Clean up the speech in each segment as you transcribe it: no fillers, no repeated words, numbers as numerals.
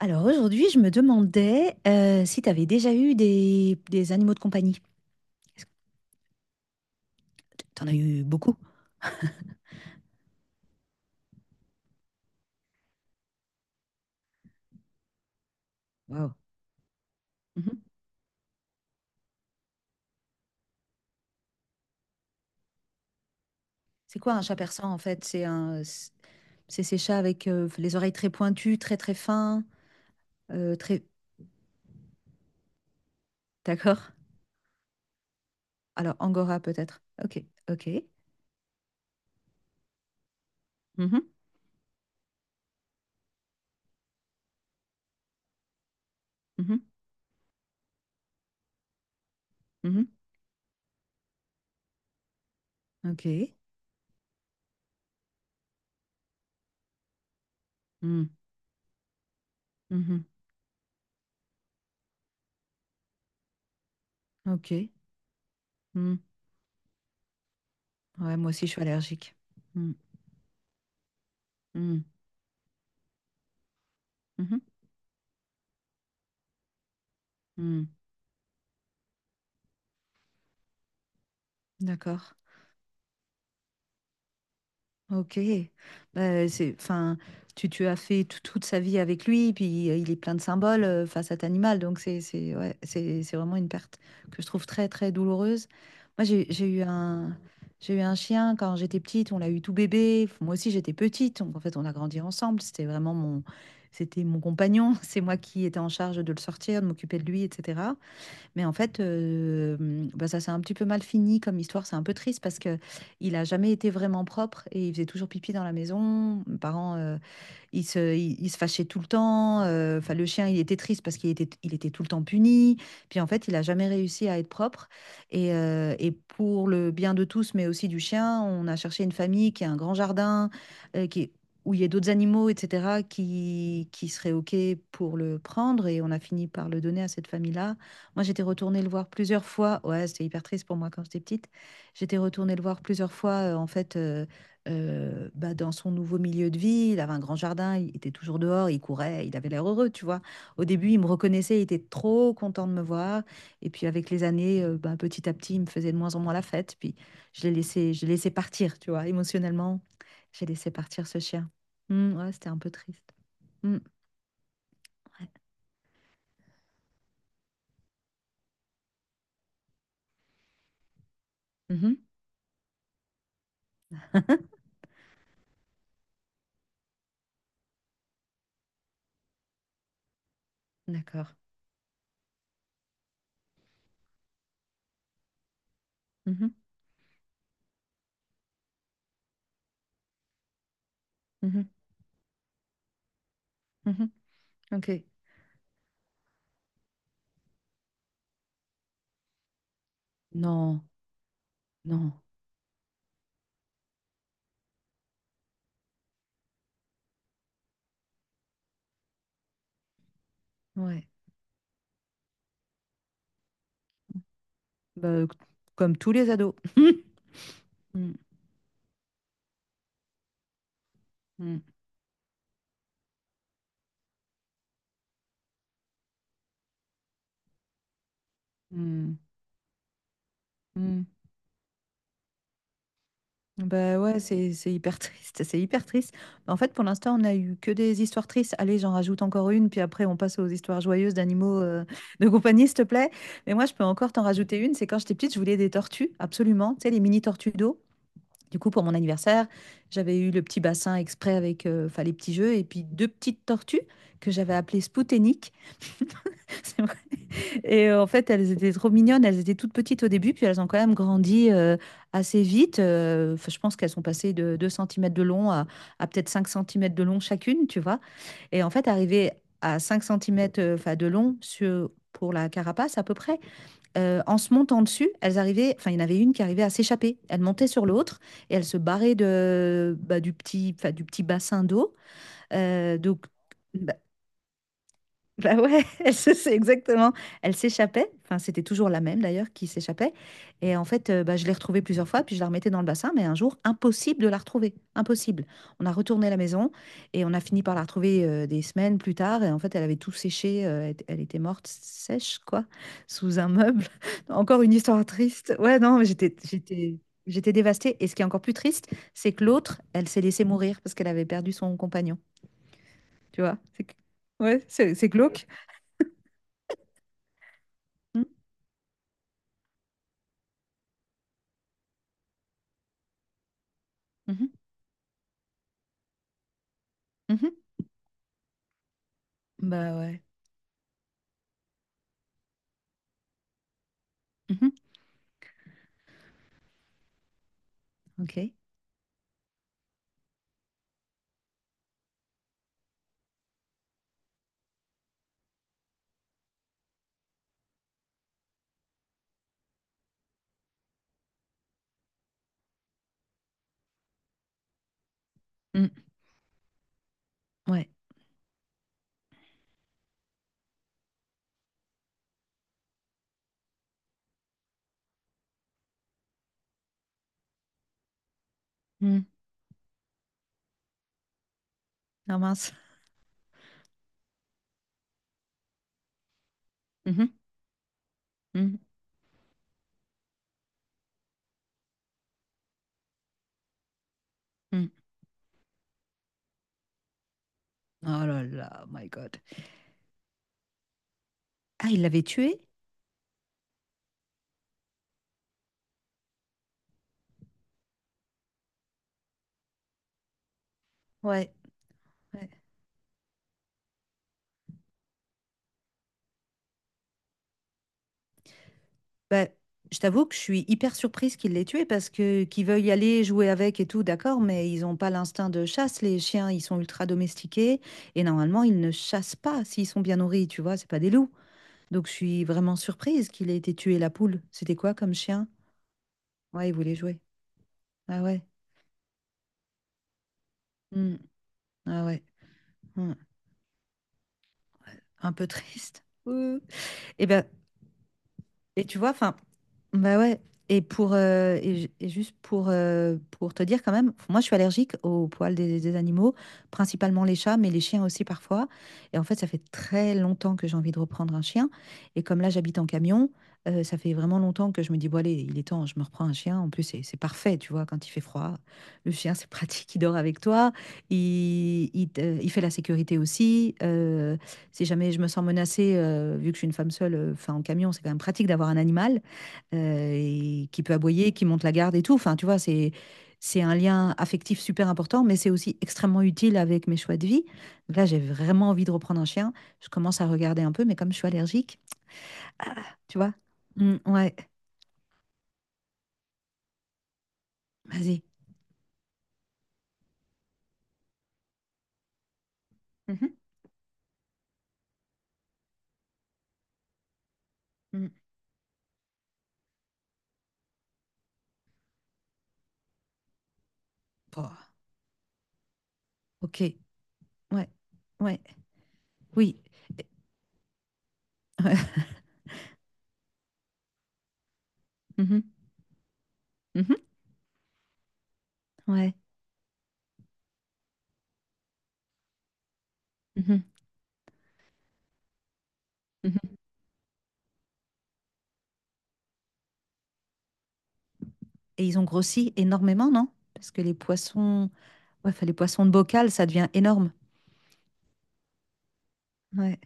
Alors aujourd'hui, je me demandais si tu avais déjà eu des animaux de compagnie. Est-ce que T'en as eu beaucoup? Wow. Mhm. C'est quoi un chat persan en fait? C'est ces chats avec les oreilles très pointues, très très fins, très. D'accord? Alors Angora peut-être. Ok, ok. Mhm, mhm, mhm. Ok. Mm, mhm. Ok. Mm. Ouais, moi aussi je suis allergique. Mm, mm, mhm, mm. D'accord. Ok. C'est, enfin, tu as fait toute sa vie avec lui, puis il est plein de symboles face à cet animal, donc c'est ouais, c'est vraiment une perte que je trouve très très douloureuse. Moi j'ai eu un chien quand j'étais petite, on l'a eu tout bébé. Moi aussi j'étais petite, donc en fait on a grandi ensemble. C'était mon compagnon, c'est moi qui étais en charge de le sortir, de m'occuper de lui, etc. Mais en fait, ça s'est un petit peu mal fini comme histoire. C'est un peu triste parce que il a jamais été vraiment propre et il faisait toujours pipi dans la maison. Mes parents, il se fâchait tout le temps. Le chien, il était triste parce il était tout le temps puni. Puis en fait, il a jamais réussi à être propre. Et pour le bien de tous, mais aussi du chien, on a cherché une famille qui a un grand jardin, euh, qui, est- où il y a d'autres animaux, etc., qui seraient OK pour le prendre. Et on a fini par le donner à cette famille-là. Moi, j'étais retournée le voir plusieurs fois. Ouais, c'était hyper triste pour moi quand j'étais petite. J'étais retournée le voir plusieurs fois, dans son nouveau milieu de vie, il avait un grand jardin, il était toujours dehors, il courait, il avait l'air heureux, tu vois. Au début, il me reconnaissait, il était trop content de me voir. Et puis avec les années, petit à petit, il me faisait de moins en moins la fête. Puis je l'ai laissé partir, tu vois, émotionnellement, j'ai laissé partir ce chien. Ouais, c'était un peu triste. Hmm, ouais. Mhm, d'accord. Mhm, mhm, mhm. Ok. Non, non, ouais. Bah, comme tous les ados. Hmm, hmm, hmm, hmm. Bah ouais, c'est hyper triste, c'est hyper triste. Mais en fait, pour l'instant, on a eu que des histoires tristes. Allez, j'en rajoute encore une, puis après, on passe aux histoires joyeuses d'animaux de compagnie, s'il te plaît. Mais moi, je peux encore t'en rajouter une. C'est quand j'étais petite, je voulais des tortues, absolument. Tu sais, les mini tortues d'eau. Du coup, pour mon anniversaire, j'avais eu le petit bassin exprès avec les petits jeux et puis deux petites tortues que j'avais appelées Spouteniques. Et en fait, elles étaient trop mignonnes. Elles étaient toutes petites au début, puis elles ont quand même grandi assez vite. Je pense qu'elles sont passées de 2 centimètres de à peut-être 5 centimètres de long chacune, tu vois. Et en fait, arriver à 5 cm enfin, de long sur, pour la carapace à peu près, en se montant dessus, elles arrivaient, enfin, il y en avait une qui arrivait à s'échapper. Elle montait sur l'autre et elle se barrait de, du petit bassin d'eau. Euh, donc, bah, bah ouais, c'est exactement. Elle s'échappait, enfin c'était toujours la même d'ailleurs qui s'échappait. Et en fait, je l'ai retrouvée plusieurs fois, puis je la remettais dans le bassin, mais un jour, impossible de la retrouver, impossible. On a retourné à la maison et on a fini par la retrouver des semaines plus tard. Et en fait, elle avait tout séché, elle était morte sèche, quoi, sous un meuble. Encore une histoire triste. Ouais, non, mais j'étais dévastée. Et ce qui est encore plus triste, c'est que l'autre, elle s'est laissée mourir parce qu'elle avait perdu son compagnon. Tu vois? Ouais, c'est glauque. Mmh mh. Mmh mh. Bah, ouais. Mmh mh. OK. Mmh. Ouais. Mmh. Ah mince. Mmh mh. Mmh. Mmh. Oh là là, my god. Ah, il l'avait tué? Ouais, ouais. Bah, je t'avoue que je suis hyper surprise qu'il l'ait tué parce que qu'ils veuillent aller jouer avec et tout, d'accord, mais ils ont pas l'instinct de chasse, les chiens, ils sont ultra domestiqués et normalement, ils ne chassent pas s'ils sont bien nourris, tu vois? C'est pas des loups. Donc, je suis vraiment surprise qu'il ait été tué, la poule. C'était quoi comme chien? Ouais, il voulait jouer. Ah ouais. Mmh. Ah ouais. Mmh. Un peu triste. Ouh. Et ben, et tu vois, enfin, bah ouais. Et pour et juste pour te dire quand même, moi je suis allergique aux poils des animaux, principalement les chats, mais les chiens aussi parfois. Et en fait, ça fait très longtemps que j'ai envie de reprendre un chien. Et comme là j'habite en camion, ça fait vraiment longtemps que je me dis bon allez, il est temps, je me reprends un chien. En plus c'est parfait, tu vois, quand il fait froid, le chien c'est pratique, il dort avec toi, il fait la sécurité aussi. Si jamais je me sens menacée, vu que je suis une femme seule, enfin en camion c'est quand même pratique d'avoir un animal et qui peut aboyer, qui monte la garde et tout. Enfin, tu vois, c'est un lien affectif super important, mais c'est aussi extrêmement utile avec mes choix de vie. Donc là, j'ai vraiment envie de reprendre un chien. Je commence à regarder un peu, mais comme je suis allergique, tu vois. Mm, ouais, vas-y. Mhm, mm. Bon, ok. Ouais, ouais, oui. Ouais. Mhm, mhm, ouais. Mhm, mhm. Et ils ont grossi énormément, non? Parce que les poissons, ouais, enfin, les poissons de bocal, ça devient énorme. Ouais.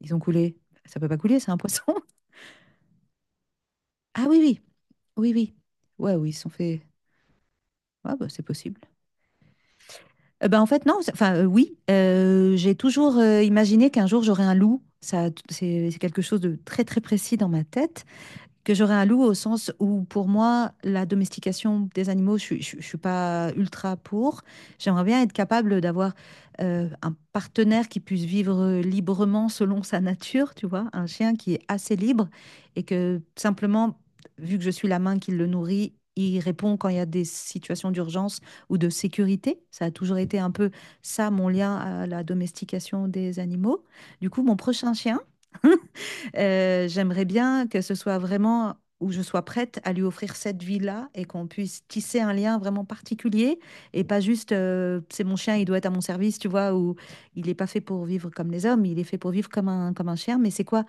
Ils ont coulé. Ça peut pas couler, c'est un poisson. Ah oui, oui, oui, oui. Ouais, oui, ils sont faits. Ah bah, c'est possible. Bah, en fait, non, c'est- enfin, oui, j'ai toujours imaginé qu'un jour j'aurais un loup. Ça, c'est quelque chose de très, très précis dans ma tête que j'aurais un loup au sens où, pour moi, la domestication des animaux, je ne suis pas ultra pour. J'aimerais bien être capable d'avoir un partenaire qui puisse vivre librement selon sa nature, tu vois, un chien qui est assez libre et que simplement, vu que je suis la main qui le nourrit, il répond quand il y a des situations d'urgence ou de sécurité. Ça a toujours été un peu ça, mon lien à la domestication des animaux. Du coup, mon prochain chien, j'aimerais bien que ce soit vraiment où je sois prête à lui offrir cette vie-là et qu'on puisse tisser un lien vraiment particulier et pas juste c'est mon chien, il doit être à mon service, tu vois, ou il n'est pas fait pour vivre comme les hommes, il est fait pour vivre comme comme un chien. Mais c'est quoi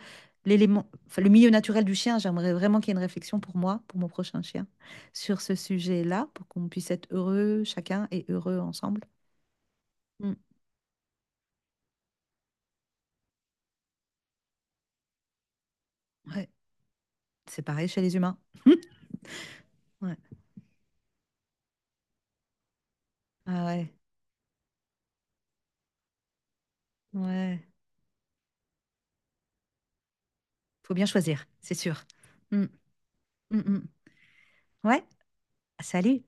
l'élément, enfin, le milieu naturel du chien? J'aimerais vraiment qu'il y ait une réflexion pour moi, pour mon prochain chien, sur ce sujet-là pour qu'on puisse être heureux chacun et heureux ensemble. Mm. Ouais, c'est pareil chez les humains. Ouais. Ah ouais, ouais. Faut bien choisir, c'est sûr. Mmh, mmh mh. Ouais, salut.